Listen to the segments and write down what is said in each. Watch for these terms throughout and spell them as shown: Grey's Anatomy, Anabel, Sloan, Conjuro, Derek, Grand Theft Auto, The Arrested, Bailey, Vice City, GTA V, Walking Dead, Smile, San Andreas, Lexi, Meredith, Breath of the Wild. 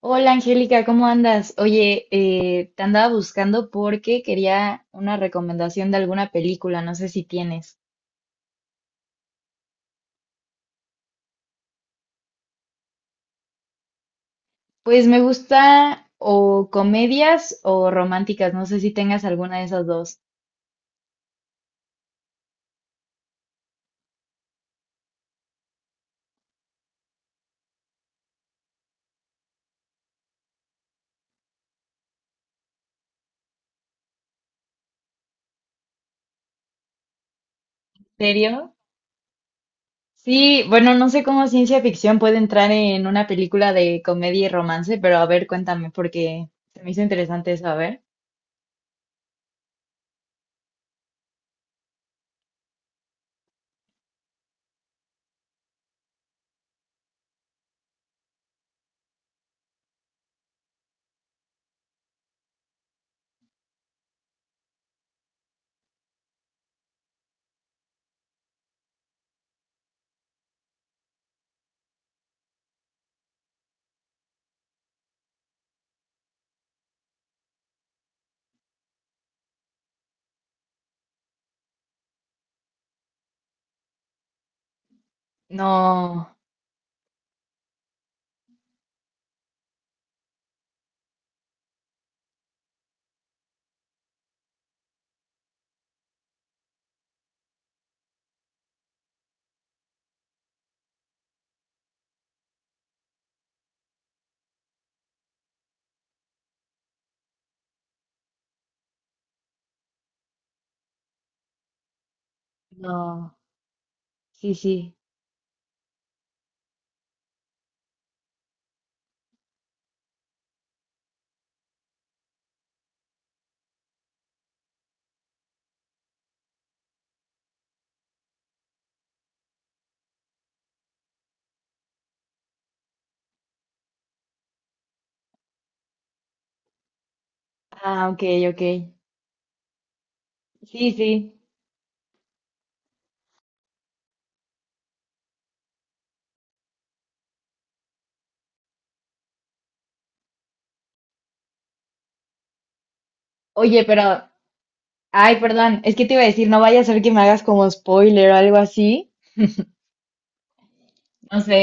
Hola Angélica, ¿cómo andas? Oye, te andaba buscando porque quería una recomendación de alguna película, no sé si tienes. Pues me gusta o comedias o románticas, no sé si tengas alguna de esas dos. ¿En serio? Sí, bueno, no sé cómo ciencia ficción puede entrar en una película de comedia y romance, pero a ver, cuéntame, porque se me hizo interesante eso, a ver. No, no, sí, sí. Ah, ok, ok. Sí, sí. Oye, pero ay, perdón, es que te iba a decir, no vaya a ser que me hagas como spoiler o algo así. No sé.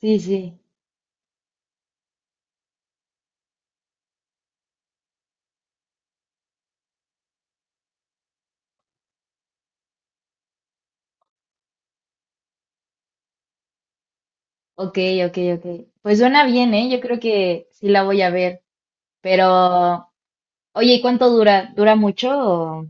Sí, sí. Ok, ok, ok. Pues suena bien, ¿eh? Yo creo que sí la voy a ver. Pero oye, ¿y cuánto dura? ¿Dura mucho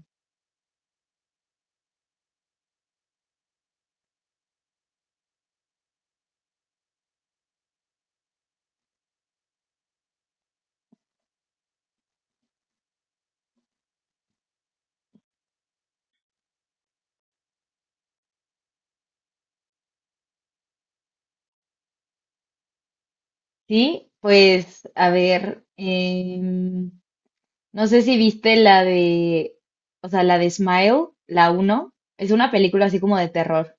Sí, pues, a ver, no sé si viste la de, o sea, la de Smile, la uno. Es una película así como de terror.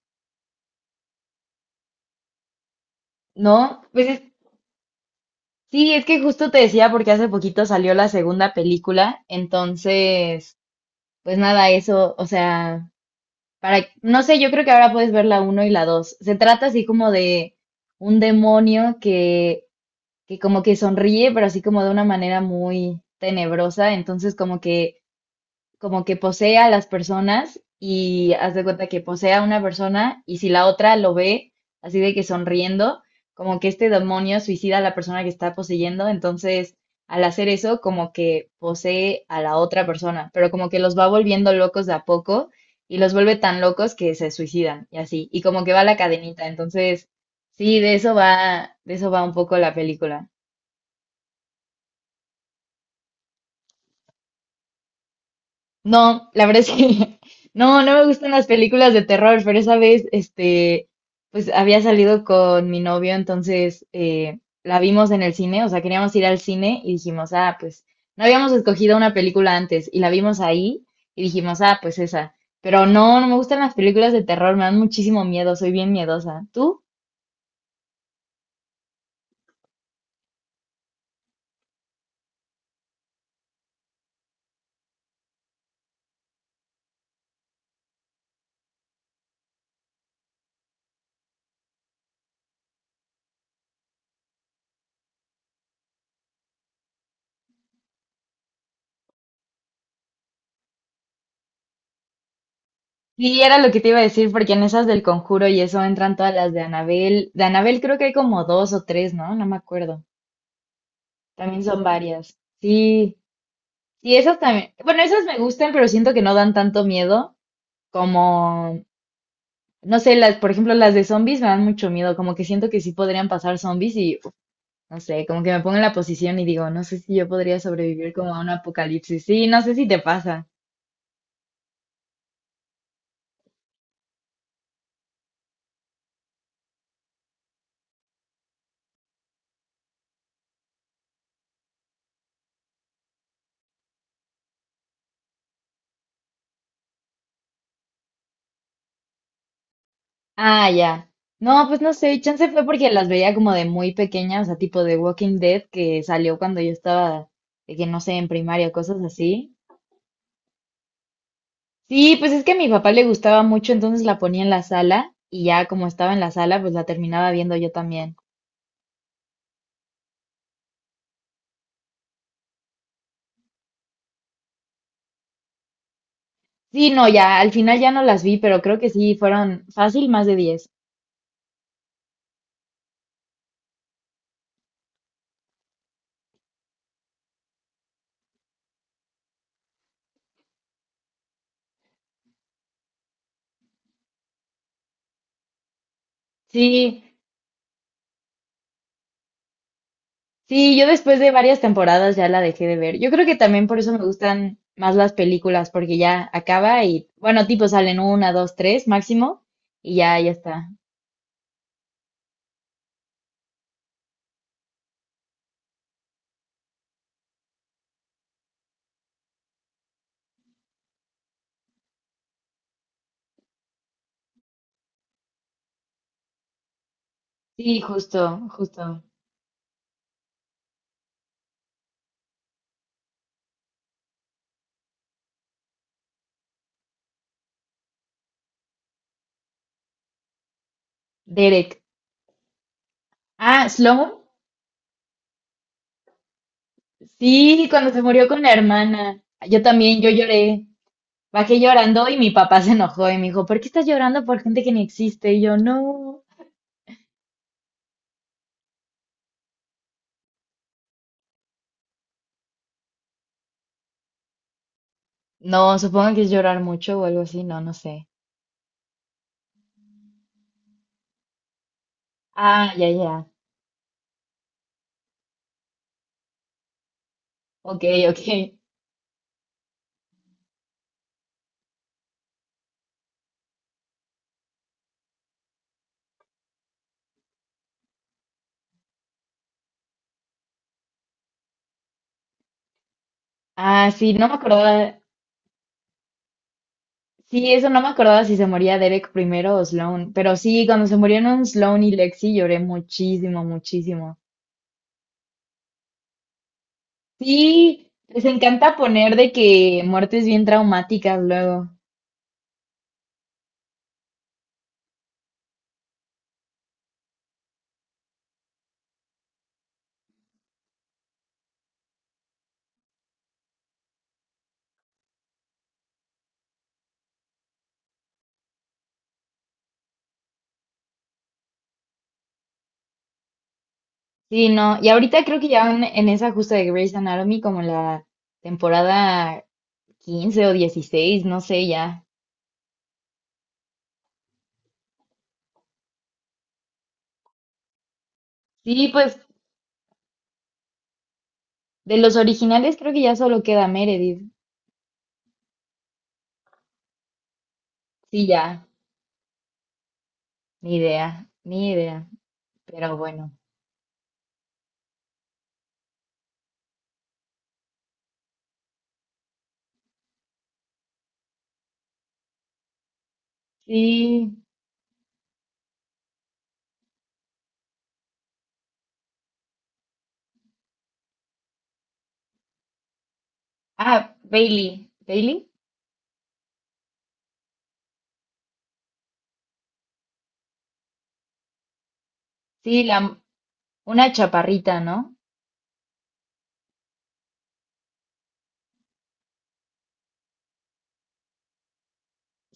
¿No? Sí, es que justo te decía porque hace poquito salió la segunda película, entonces pues nada, eso, o sea, para, no sé, yo creo que ahora puedes ver la uno y la dos. Se trata así como de un demonio que como que sonríe, pero así como de una manera muy tenebrosa. Entonces, como que posee a las personas y haz de cuenta que posee a una persona y si la otra lo ve así de que sonriendo, como que este demonio suicida a la persona que está poseyendo, entonces al hacer eso como que posee a la otra persona, pero como que los va volviendo locos de a poco y los vuelve tan locos que se suicidan y así, y como que va la cadenita, entonces sí, de eso va un poco la película. No, la verdad es que no, no me gustan las películas de terror, pero esa vez, este, pues había salido con mi novio, entonces la vimos en el cine, o sea, queríamos ir al cine y dijimos, ah, pues no habíamos escogido una película antes y la vimos ahí y dijimos, ah, pues esa. Pero no, no me gustan las películas de terror, me dan muchísimo miedo, soy bien miedosa. ¿Tú? Sí, era lo que te iba a decir, porque en esas del Conjuro y eso entran todas las de Anabel. De Anabel creo que hay como dos o tres, ¿no? No me acuerdo. También son varias. Sí, sí, esas también. Bueno, esas me gustan, pero siento que no dan tanto miedo como, no sé, las, por ejemplo, las de zombies me dan mucho miedo, como que siento que sí podrían pasar zombies y, uf, no sé, como que me pongo en la posición y digo, no sé si yo podría sobrevivir como a un apocalipsis. Sí, no sé si te pasa. Ah, ya. No, pues no sé, chance fue porque las veía como de muy pequeña, o sea, tipo de Walking Dead que salió cuando yo estaba, de que no sé, en primaria, cosas así. Sí, pues es que a mi papá le gustaba mucho, entonces la ponía en la sala y ya como estaba en la sala, pues la terminaba viendo yo también. Sí, no, ya, al final ya no las vi, pero creo que sí, fueron fácil más de 10. Sí, sí, yo después de varias temporadas ya la dejé de ver. Yo creo que también por eso me gustan más las películas, porque ya acaba y, bueno, tipo salen una, dos, tres máximo y ya, ya está. Sí, justo, justo. Derek. Ah, Sloan. Sí, cuando se murió con la hermana. Yo también, yo lloré. Bajé llorando y mi papá se enojó y me dijo, ¿por qué estás llorando por gente que ni existe? Y yo, no. No, supongo que es llorar mucho o algo así, no, no sé. Ah, ya, ya. Ok, ok. Ah, sí, no me acordaba. Sí, eso no me acordaba si se moría Derek primero o Sloan. Pero sí, cuando se murieron Sloan y Lexi lloré muchísimo, muchísimo. Sí, les encanta poner de que muertes bien traumáticas luego. Sí, no. Y ahorita creo que ya van en esa justa de Grey's Anatomy como la temporada 15 o 16, no sé ya. Sí, pues de los originales creo que ya solo queda Meredith. Sí, ya, ni idea, ni idea, pero bueno. Sí. Ah, Bailey, Bailey. Sí, la una chaparrita, ¿no?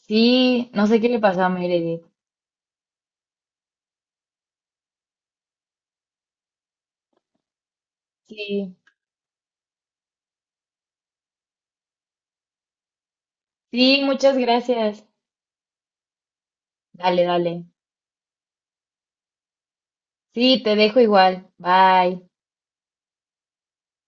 Sí, no sé qué le pasó a Meredith. Sí. Sí, muchas gracias. Dale, dale. Sí, te dejo igual. Bye.